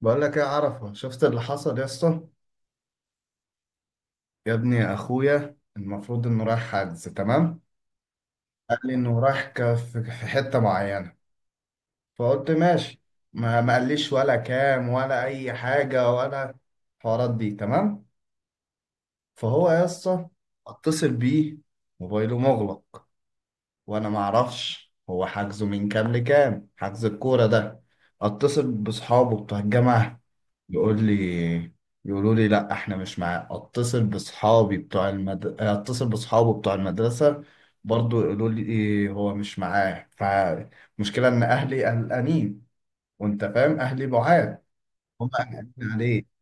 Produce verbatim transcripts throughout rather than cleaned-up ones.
بقول لك ايه عرفه، شفت اللي حصل يا اسطى؟ يا ابني اخويا المفروض انه رايح حجز، تمام. قال لي انه رايح ك- في في حته معينه، فقلت ماشي. ما ما قاليش ولا كام ولا اي حاجه، ولا الحوارات دي، تمام. فهو يا اسطى، اتصل بيه، موبايله مغلق، وانا ما اعرفش هو حجزه من كام لكام، حجز الكوره ده. اتصل بصحابه بتوع الجامعه، يقول لي، يقولوا لي لا احنا مش معاه. اتصل باصحابي بتوع المد... اتصل باصحابه بتوع المدرسه، برضو يقولوا لي إيه، هو مش معاه. فمشكله ان اهلي قلقانين، وانت فاهم اهلي بعاد، هم قلقانين عليه.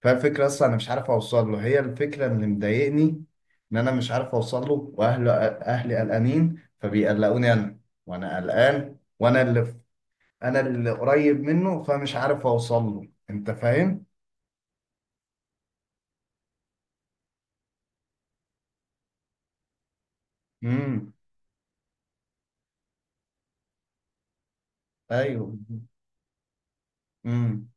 فالفكره اصلا انا مش عارف اوصل له، هي الفكره اللي مضايقني، ان انا مش عارف اوصل له، واهله اهلي قلقانين فبيقلقوني انا، وانا قلقان، وانا اللي انا اللي قريب منه، فمش عارف اوصل له، انت فاهم؟ مم. ايوه. امم.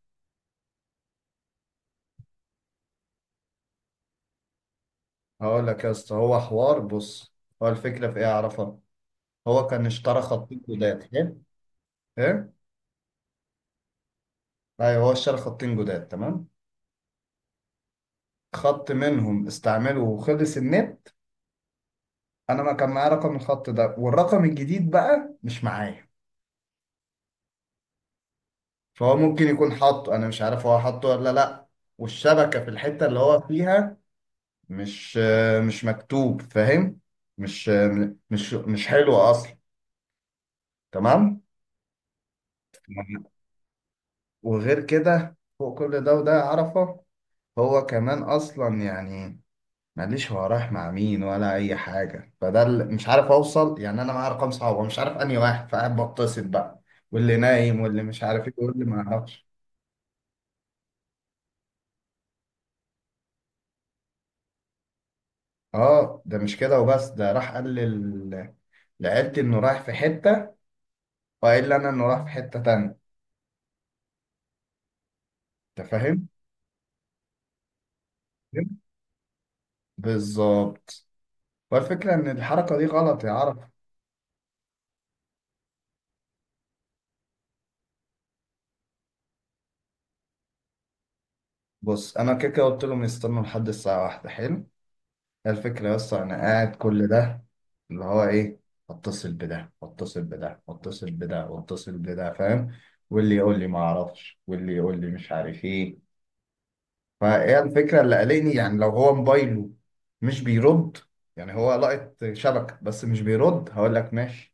هقول لك يا اسطى، هو حوار، بص، هو الفكره في ايه اعرفها. هو كان اشترى خطين جداد، حلو، ايه، ايوه، هو اشترى خطين جداد، تمام. خط منهم استعمله وخلص النت، انا ما كان معايا رقم الخط ده، والرقم الجديد بقى مش معايا. فهو ممكن يكون حاطه، انا مش عارف هو حاطه ولا لا، والشبكه في الحته اللي هو فيها مش مش مكتوب، فاهم، مش مش مش حلوه اصلا، تمام. وغير كده، فوق كل ده، وده عرفة، هو كمان أصلا يعني ماليش هو رايح مع مين ولا أي حاجة. فده اللي مش عارف أوصل، يعني أنا معايا أرقام صعبة، مش عارف أنهي واحد، فقاعد بتصل بقى، واللي نايم، واللي مش عارف إيه، واللي ما أعرفش. أه ده مش كده وبس، ده راح قال لل- لعيلتي إنه رايح في حتة، وقال لي أنا إنه رايح في حتة تانية، أنت فاهم؟ فاهم؟ بالظبط. والفكرة إن الحركة دي غلط يا عرف. بص، أنا كده كده قلت لهم يستنوا لحد الساعة واحدة، حلو. الفكرة بس أنا قاعد كل ده، اللي هو إيه، أتصل بده، أتصل بده، أتصل بده، أتصل بده، فاهم، واللي يقول لي ما أعرفش، واللي يقول لي مش عارف إيه. فهي الفكرة اللي قلقني، يعني لو هو موبايله مش بيرد، يعني هو لقط شبكة بس مش بيرد، هقول لك ماشي.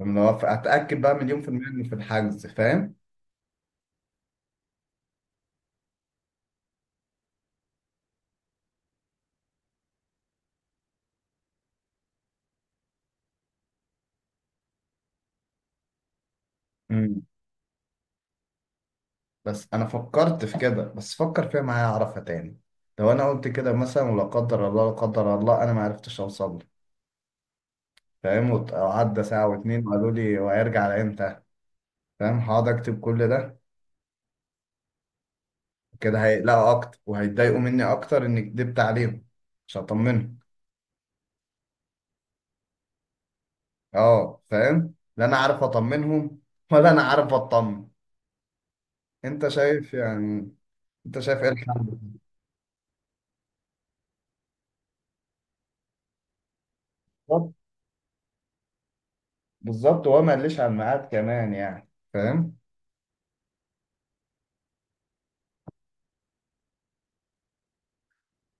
لما هو أتأكد بقى مليون في المية إنه في الحجز، فاهم. امم. بس أنا فكرت في كده، بس فكر فيها معايا أعرفها تاني. لو أنا قلت كده مثلا، ولا قدر الله لا قدر الله أنا ما عرفتش أوصل، فاهم، وت- وعدى ساعة واتنين وقالوا لي وهيرجع على امتى، فاهم، هقعد اكتب كل ده. كده هيقلقوا اكتر، وهيتضايقوا مني اكتر اني كدبت عليهم، مش هطمنهم. اه فاهم، لا انا عارف اطمنهم، ولا انا عارف اطمن. انت شايف يعني، انت شايف ايه الحل؟ بالظبط. بالظبط، وهو ما قاليش على الميعاد كمان يعني، فاهم.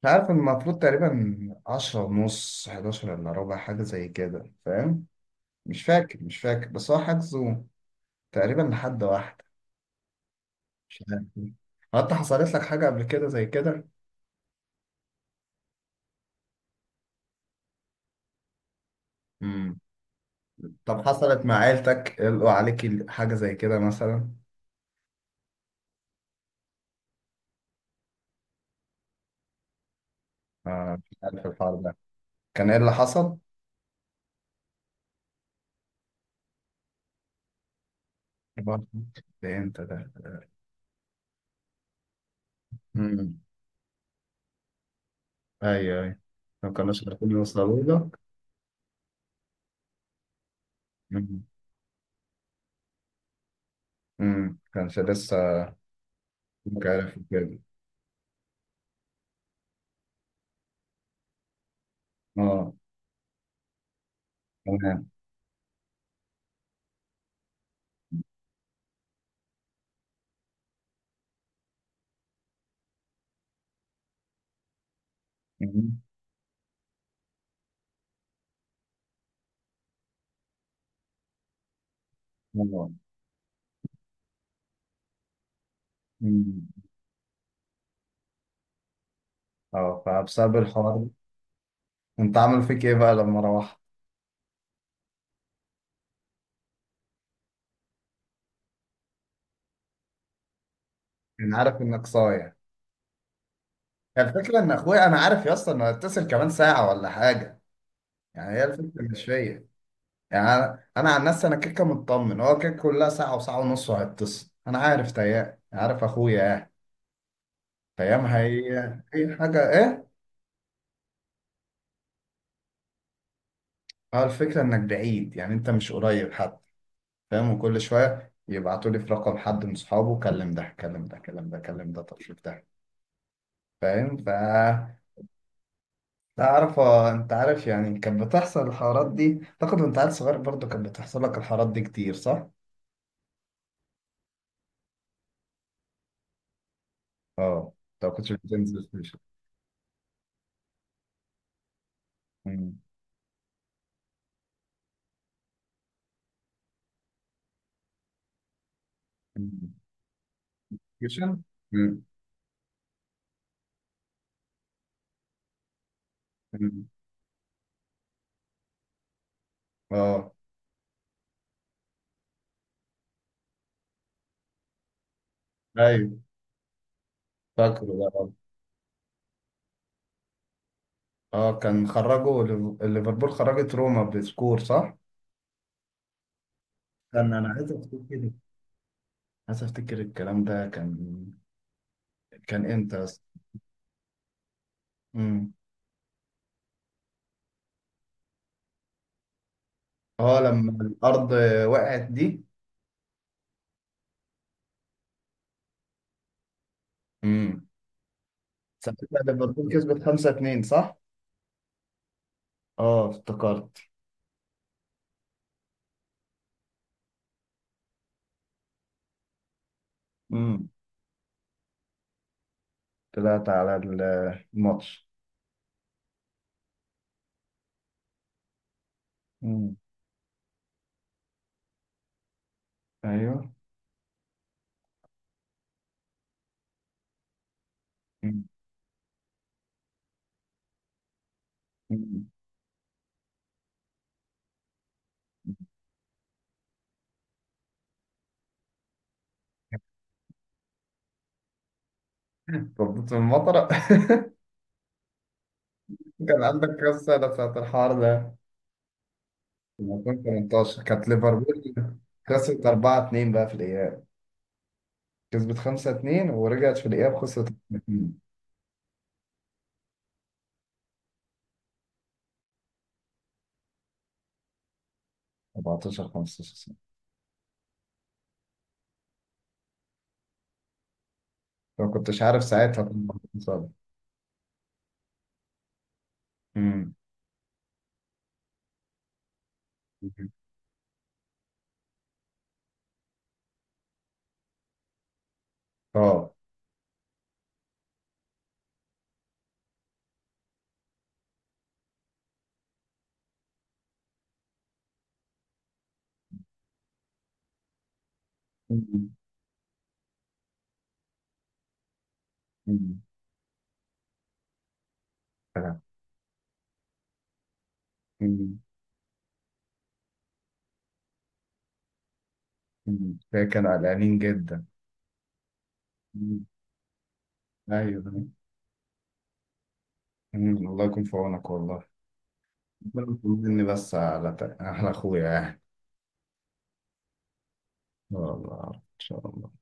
مش عارف، المفروض تقريبا عشرة ونص، حداشر الا ربع، حاجة زي كده، فاهم. مش فاكر، مش فاكر، بس هو حجزه تقريبا لحد واحد. مش عارف. هو انت حصلت لك حاجة قبل كده زي كده؟ امم. طب حصلت مع عيلتك، قالوا عليكي حاجة زي كده مثلا؟ آه مش عارف الحوار ده، كان ايه اللي حصل؟ برضه. ده انت ده. امم. ايوه، ايوه، ما كانوش عارفين يوصلوا لك. امم. امم. كانش لسه، مش عارف كده. اه. تمام. امم. اه. أمم. آه، فبسبب الحوار ده، انت عامل فيك ايه بقى لما روحت؟ انا عارف انك صايع. هي الفكرة إن أخويا، أنا عارف يا اسطى إنه هيتصل كمان ساعة ولا حاجة، يعني هي الفكرة مش فيا. يعني أنا أنا عن نفسي أنا كيكة مطمن، هو كيكة، كلها ساعة وساعة ونص وهيتصل، أنا عارف تيام، عارف أخويا يعني، تيام هي أي حاجة إيه؟ هو الفكرة إنك بعيد، يعني أنت مش قريب حد، فاهم، وكل شوية يبعتوا لي في رقم حد من صحابه: كلم ده، كلم ده، كلم ده، كلم ده، طب شوف ده، فاهم، ف، تعرف انت عارف يعني كانت بتحصل الحوارات دي؟ اعتقد وانت عيل صغير برضه كانت بتحصل لك الحوارات دي كتير، صح؟ اه. طب كنتش بتنزل ستيشن؟ مم. مم. ستيشن. مم. مم. اه. ايوه. فاكره ده، اه. آه، كان خرجوا ليف- ليفربول، خرجت روما بسكور، صح؟ كان انا عايز افتكر، عايز افتكر الكلام ده كان، كان امتى بس؟ امم. اه، لما الارض وقعت دي. امم. ساعتها ليفربول كسبت خمسة اتنين صح؟ اه افتكرت. امم. طلعت على ال- الماتش. امم. ايوه. مم. مم. تربط في المطرة. كان عندك كام سنة ساعة الحوار ده؟ لما كنت تمنتاشر، كانت ليفربول خسرت اربعة اتنين بقى في الإياب، كسبت خمسة اتنين ورجعت في الإياب خسرت اتنين. أربعة عشر 15 سنة. ما كنتش عارف ساعتها كنت مصاب. امم. اه. أمم. أمم. آه. أمم. أمم. ده كان قلقانين جدا. أمم. ايوه. أمم. الله يكون في عونك والله. ربنا يطمني بس على على اخويا يعني. والله ان شاء الله.